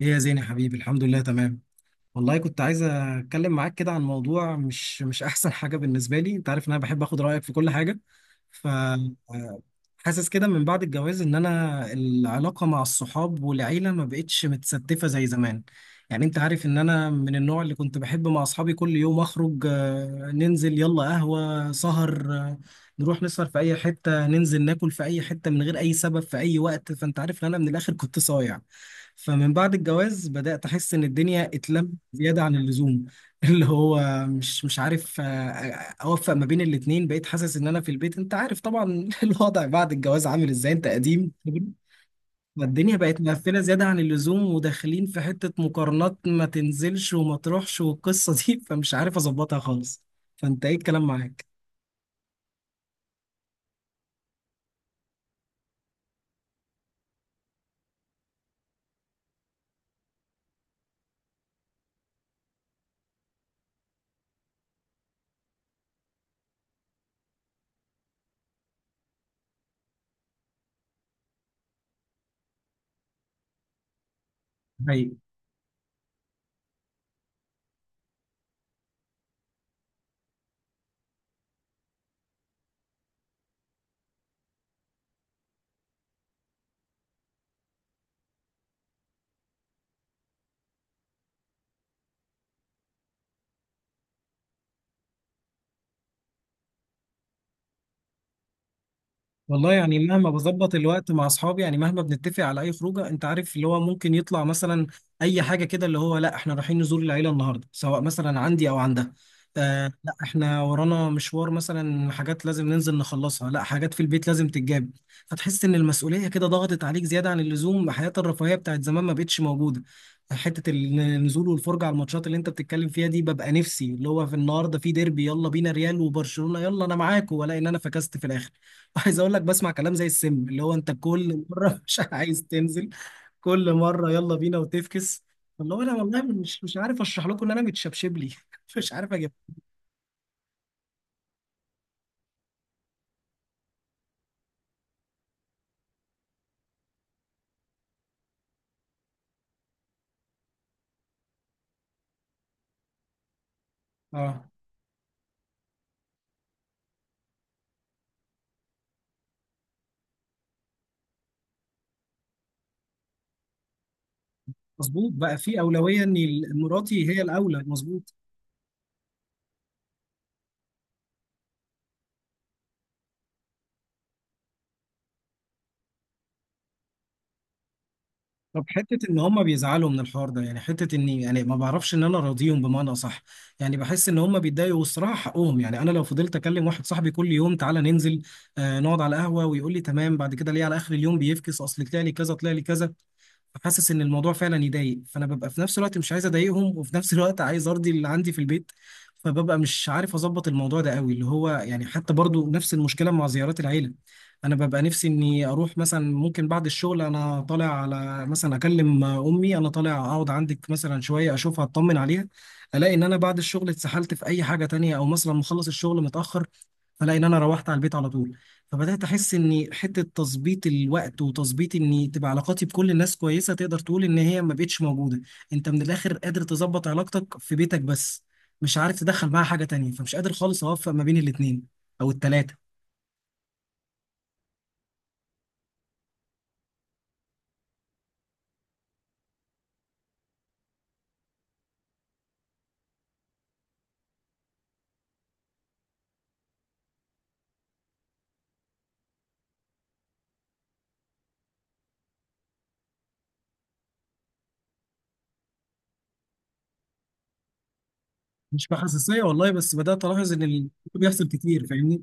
ايه يا زين يا حبيبي، الحمد لله تمام. والله كنت عايز اتكلم معاك كده عن موضوع مش احسن حاجه بالنسبه لي. انت عارف ان انا بحب اخد رايك في كل حاجه. ف حاسس كده من بعد الجواز ان انا العلاقه مع الصحاب والعيله ما بقتش متستفه زي زمان. يعني انت عارف ان انا من النوع اللي كنت بحب مع اصحابي كل يوم اخرج، ننزل يلا قهوه سهر، نروح نسهر في اي حته، ننزل ناكل في اي حته من غير اي سبب في اي وقت. فانت عارف ان انا من الاخر كنت صايع. فمن بعد الجواز بدأت أحس إن الدنيا اتلمت زيادة عن اللزوم. اللي هو مش عارف أوفق ما بين الاتنين. بقيت حاسس إن أنا في البيت، أنت عارف طبعا الوضع بعد الجواز عامل إزاي، أنت قديم. الدنيا بقت مقفلة زيادة عن اللزوم، وداخلين في حتة مقارنات: ما تنزلش وما تروحش والقصة دي. فمش عارف أظبطها خالص. فأنت إيه الكلام معاك؟ والله يعني مهما بظبط الوقت مع اصحابي، يعني مهما بنتفق على اي خروجه، انت عارف اللي هو ممكن يطلع مثلا اي حاجه كده، اللي هو: لا احنا رايحين نزور العيله النهارده سواء مثلا عندي او عندها، آه لا احنا ورانا مشوار مثلا حاجات لازم ننزل نخلصها، لا حاجات في البيت لازم تتجاب. فتحس ان المسؤوليه كده ضغطت عليك زياده عن اللزوم. حياه الرفاهيه بتاعت زمان ما بقتش موجوده. حته النزول والفرجه على الماتشات اللي انت بتتكلم فيها دي، ببقى نفسي اللي هو في النهارده في ديربي، يلا بينا، ريال وبرشلونه، يلا انا معاك، والاقي ان انا فكست في الاخر. عايز اقول لك، بسمع كلام زي السم، اللي هو انت كل مره مش عايز تنزل، كل مره يلا بينا وتفكس. اللي هو انا والله مش عارف اشرح لكم ان انا متشبشب لي مش عارف اجيب. اه مظبوط، بقى في اولويه ان مراتي هي الاولى، مظبوط. طب حته ان هم بيزعلوا من الحوار ده، يعني حته اني يعني ما بعرفش ان انا راضيهم بمعنى اصح. يعني بحس ان هم بيتضايقوا والصراحه حقهم. يعني انا لو فضلت اكلم واحد صاحبي كل يوم تعالى ننزل، آه نقعد على القهوه، ويقول لي تمام، بعد كده ليه على اخر اليوم بيفكس؟ اصل طلع لي كذا طلع لي كذا. فحاسس ان الموضوع فعلا يضايق. فانا ببقى في نفس الوقت مش عايز اضايقهم، وفي نفس الوقت عايز ارضي اللي عندي في البيت. فببقى مش عارف اظبط الموضوع ده قوي. اللي هو يعني حتى برضو نفس المشكله مع زيارات العيله. انا ببقى نفسي اني اروح مثلا، ممكن بعد الشغل انا طالع، على مثلا اكلم امي انا طالع اقعد عندك مثلا شويه اشوفها اطمن عليها. الاقي ان انا بعد الشغل اتسحلت في اي حاجه تانية، او مثلا مخلص الشغل متاخر، الاقي ان انا روحت على البيت على طول. فبدأت أحس إن حتة تظبيط الوقت وتظبيط إن تبقى علاقاتي بكل الناس كويسة، تقدر تقول إن هي ما بقتش موجودة. أنت من الآخر قادر تظبط علاقتك في بيتك بس، مش عارف تدخل معاها حاجة تانية. فمش قادر خالص أوفق ما بين الاتنين أو التلاتة. مش بحساسية والله، بس بدأت ألاحظ إن بيحصل كتير، فاهمني.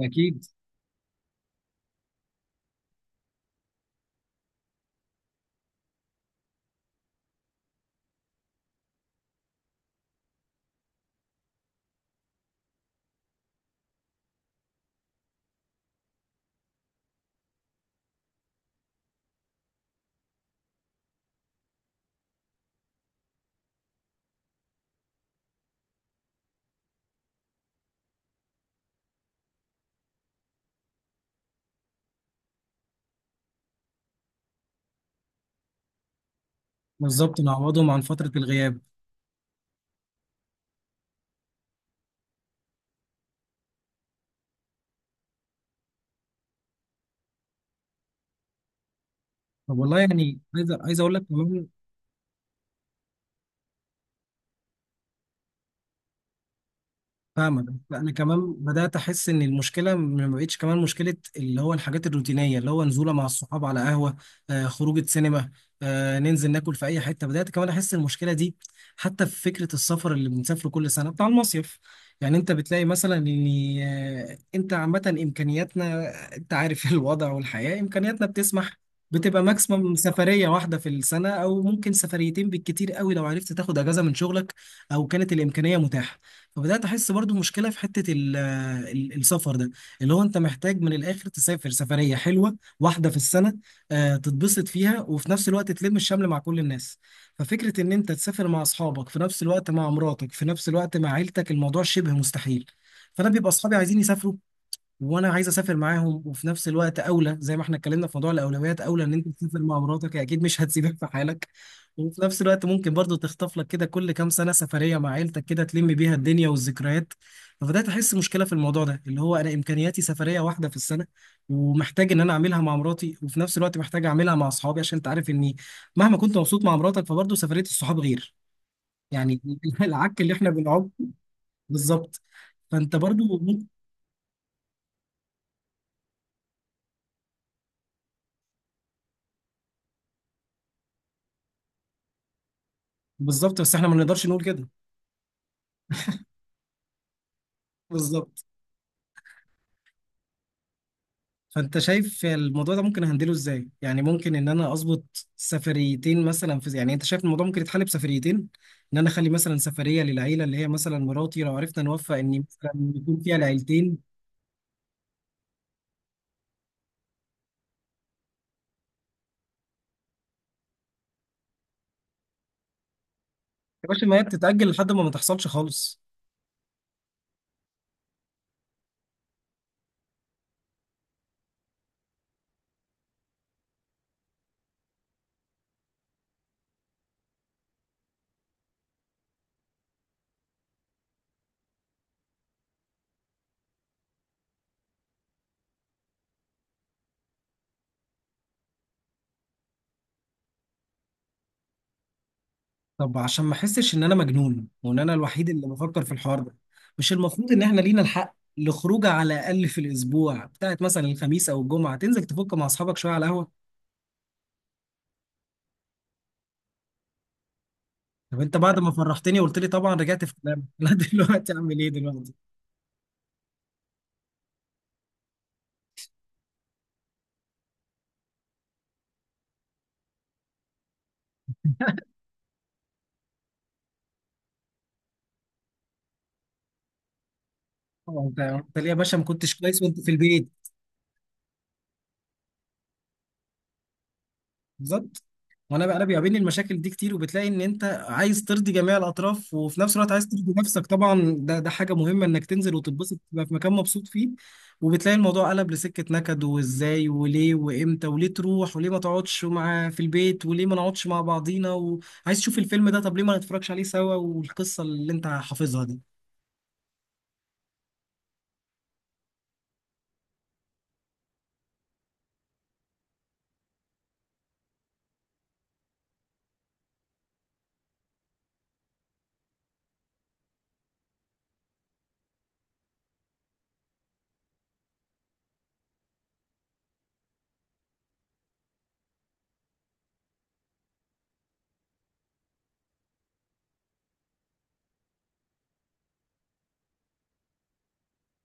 أكيد. بالظبط نعوضهم عن فترة الغياب. طب والله يعني عايز أقول لك كمان. فاهمك. انا كمان بدات احس ان المشكله ما بقتش كمان مشكله، اللي هو الحاجات الروتينيه، اللي هو نزوله مع الصحاب على قهوه، آه خروجه سينما، آه ننزل ناكل في اي حته. بدات كمان احس المشكله دي حتى في فكره السفر اللي بنسافره كل سنه بتاع المصيف. يعني انت بتلاقي مثلا ان انت عامه امكانياتنا، انت عارف الوضع والحياه، امكانياتنا بتسمح بتبقى ماكسيمم سفريه واحده في السنه، او ممكن سفريتين بالكتير قوي لو عرفت تاخد اجازه من شغلك او كانت الامكانيه متاحه. فبدات احس برضو مشكله في حته السفر ده. اللي هو انت محتاج من الاخر تسافر سفريه حلوه واحده في السنه، تتبسط فيها وفي نفس الوقت تلم الشمل مع كل الناس. ففكره ان انت تسافر مع اصحابك في نفس الوقت مع مراتك في نفس الوقت مع عيلتك، الموضوع شبه مستحيل. فانا بيبقى اصحابي عايزين يسافروا، وانا عايز اسافر معاهم، وفي نفس الوقت اولى زي ما احنا اتكلمنا في موضوع الاولويات، اولى ان انت تسافر مع مراتك، هي اكيد مش هتسيبك في حالك. وفي نفس الوقت ممكن برضو تخطف لك كده كل كام سنه سفريه مع عيلتك كده تلم بيها الدنيا والذكريات. فبدات احس مشكله في الموضوع ده، اللي هو انا امكانياتي سفريه واحده في السنه، ومحتاج ان انا اعملها مع مراتي، وفي نفس الوقت محتاج اعملها مع اصحابي. عشان انت عارف اني مهما كنت مبسوط مع مراتك، فبرضو سفريه الصحاب غير، يعني العك اللي احنا بنعك. بالظبط. فانت برضو بالظبط، بس احنا ما نقدرش نقول كده. بالظبط. فانت شايف الموضوع ده ممكن اهندله ازاي؟ يعني ممكن ان انا اظبط سفريتين مثلا في، يعني انت شايف الموضوع ممكن يتحل بسفريتين، ان انا اخلي مثلا سفريه للعيله اللي هي مثلا مراتي لو عرفنا نوفق ان مثلا يكون فيها العيلتين. يا باشا ما هي بتتاجل لحد ما ما تحصلش خالص. طب عشان ما احسش ان انا مجنون وان انا الوحيد اللي بفكر في الحوار ده، مش المفروض ان احنا لينا الحق لخروجه على الاقل في الاسبوع بتاعت مثلا الخميس او الجمعه، تنزل تفك مع اصحابك شويه على قهوه؟ طب انت بعد ما فرحتني وقلت لي طبعا رجعت في كلامك. لا دلوقتي اعمل ايه دلوقتي؟ طبعا انت ليه يا باشا ما كنتش كويس وانت في البيت؟ بالظبط. وانا بقى، انا بيقابلني المشاكل دي كتير، وبتلاقي ان انت عايز ترضي جميع الاطراف، وفي نفس الوقت عايز ترضي نفسك طبعا، ده ده حاجه مهمه انك تنزل وتتبسط تبقى في مكان مبسوط فيه. وبتلاقي الموضوع قلب لسكه نكد، وازاي وليه وامتى، وليه تروح، وليه ما تقعدش مع في البيت، وليه ما نقعدش مع بعضينا، وعايز تشوف الفيلم ده طب ليه ما نتفرجش عليه سوا، والقصه اللي انت حافظها دي.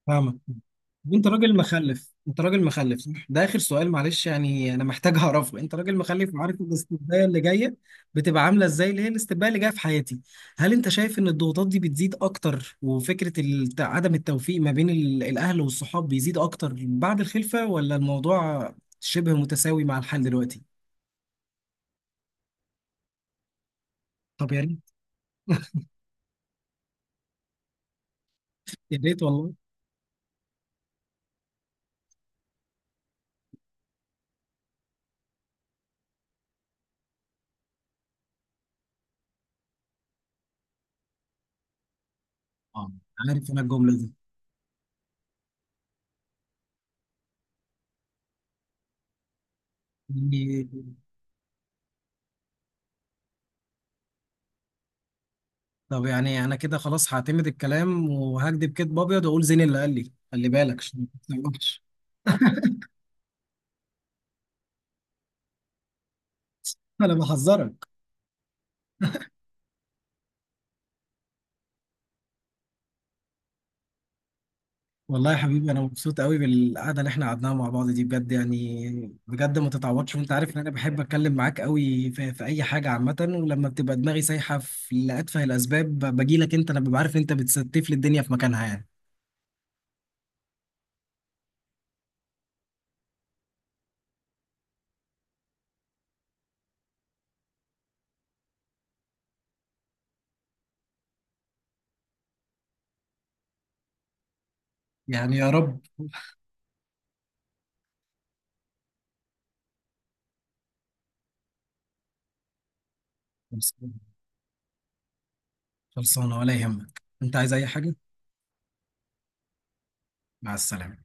فاهمك. انت راجل مخلف، انت راجل مخلف صح؟ ده اخر سؤال معلش، يعني انا محتاج اعرفه. انت راجل مخلف وعارف الاستبدال اللي جايه، بتبقى عامله ازاي اللي هي الاستبدال اللي جايه في حياتي؟ هل انت شايف ان الضغوطات دي بتزيد اكتر، وفكره عدم التوفيق ما بين الاهل والصحاب بيزيد اكتر بعد الخلفه، ولا الموضوع شبه متساوي مع الحال دلوقتي؟ طب يا ريت. يا ريت والله. اه عارف انا الجمله دي يعني. طب يعني انا كده خلاص هعتمد الكلام وهكدب كدب ابيض، واقول زين اللي قال لي خلي بالك عشان ما تقولش. انا بحذرك. والله يا حبيبي انا مبسوط قوي بالقعده اللي احنا قعدناها مع بعض دي بجد، يعني بجد ما تتعوضش. وانت عارف ان انا بحب اتكلم معاك قوي في اي حاجه عامه، ولما بتبقى دماغي سايحه في لاتفه الاسباب باجي لك انت، انا ببقى عارف انت بتستف لي الدنيا في مكانها يعني. يعني يا رب. خلصانه. خلصانة، ولا يهمك، انت عايز اي حاجه؟ مع السلامه.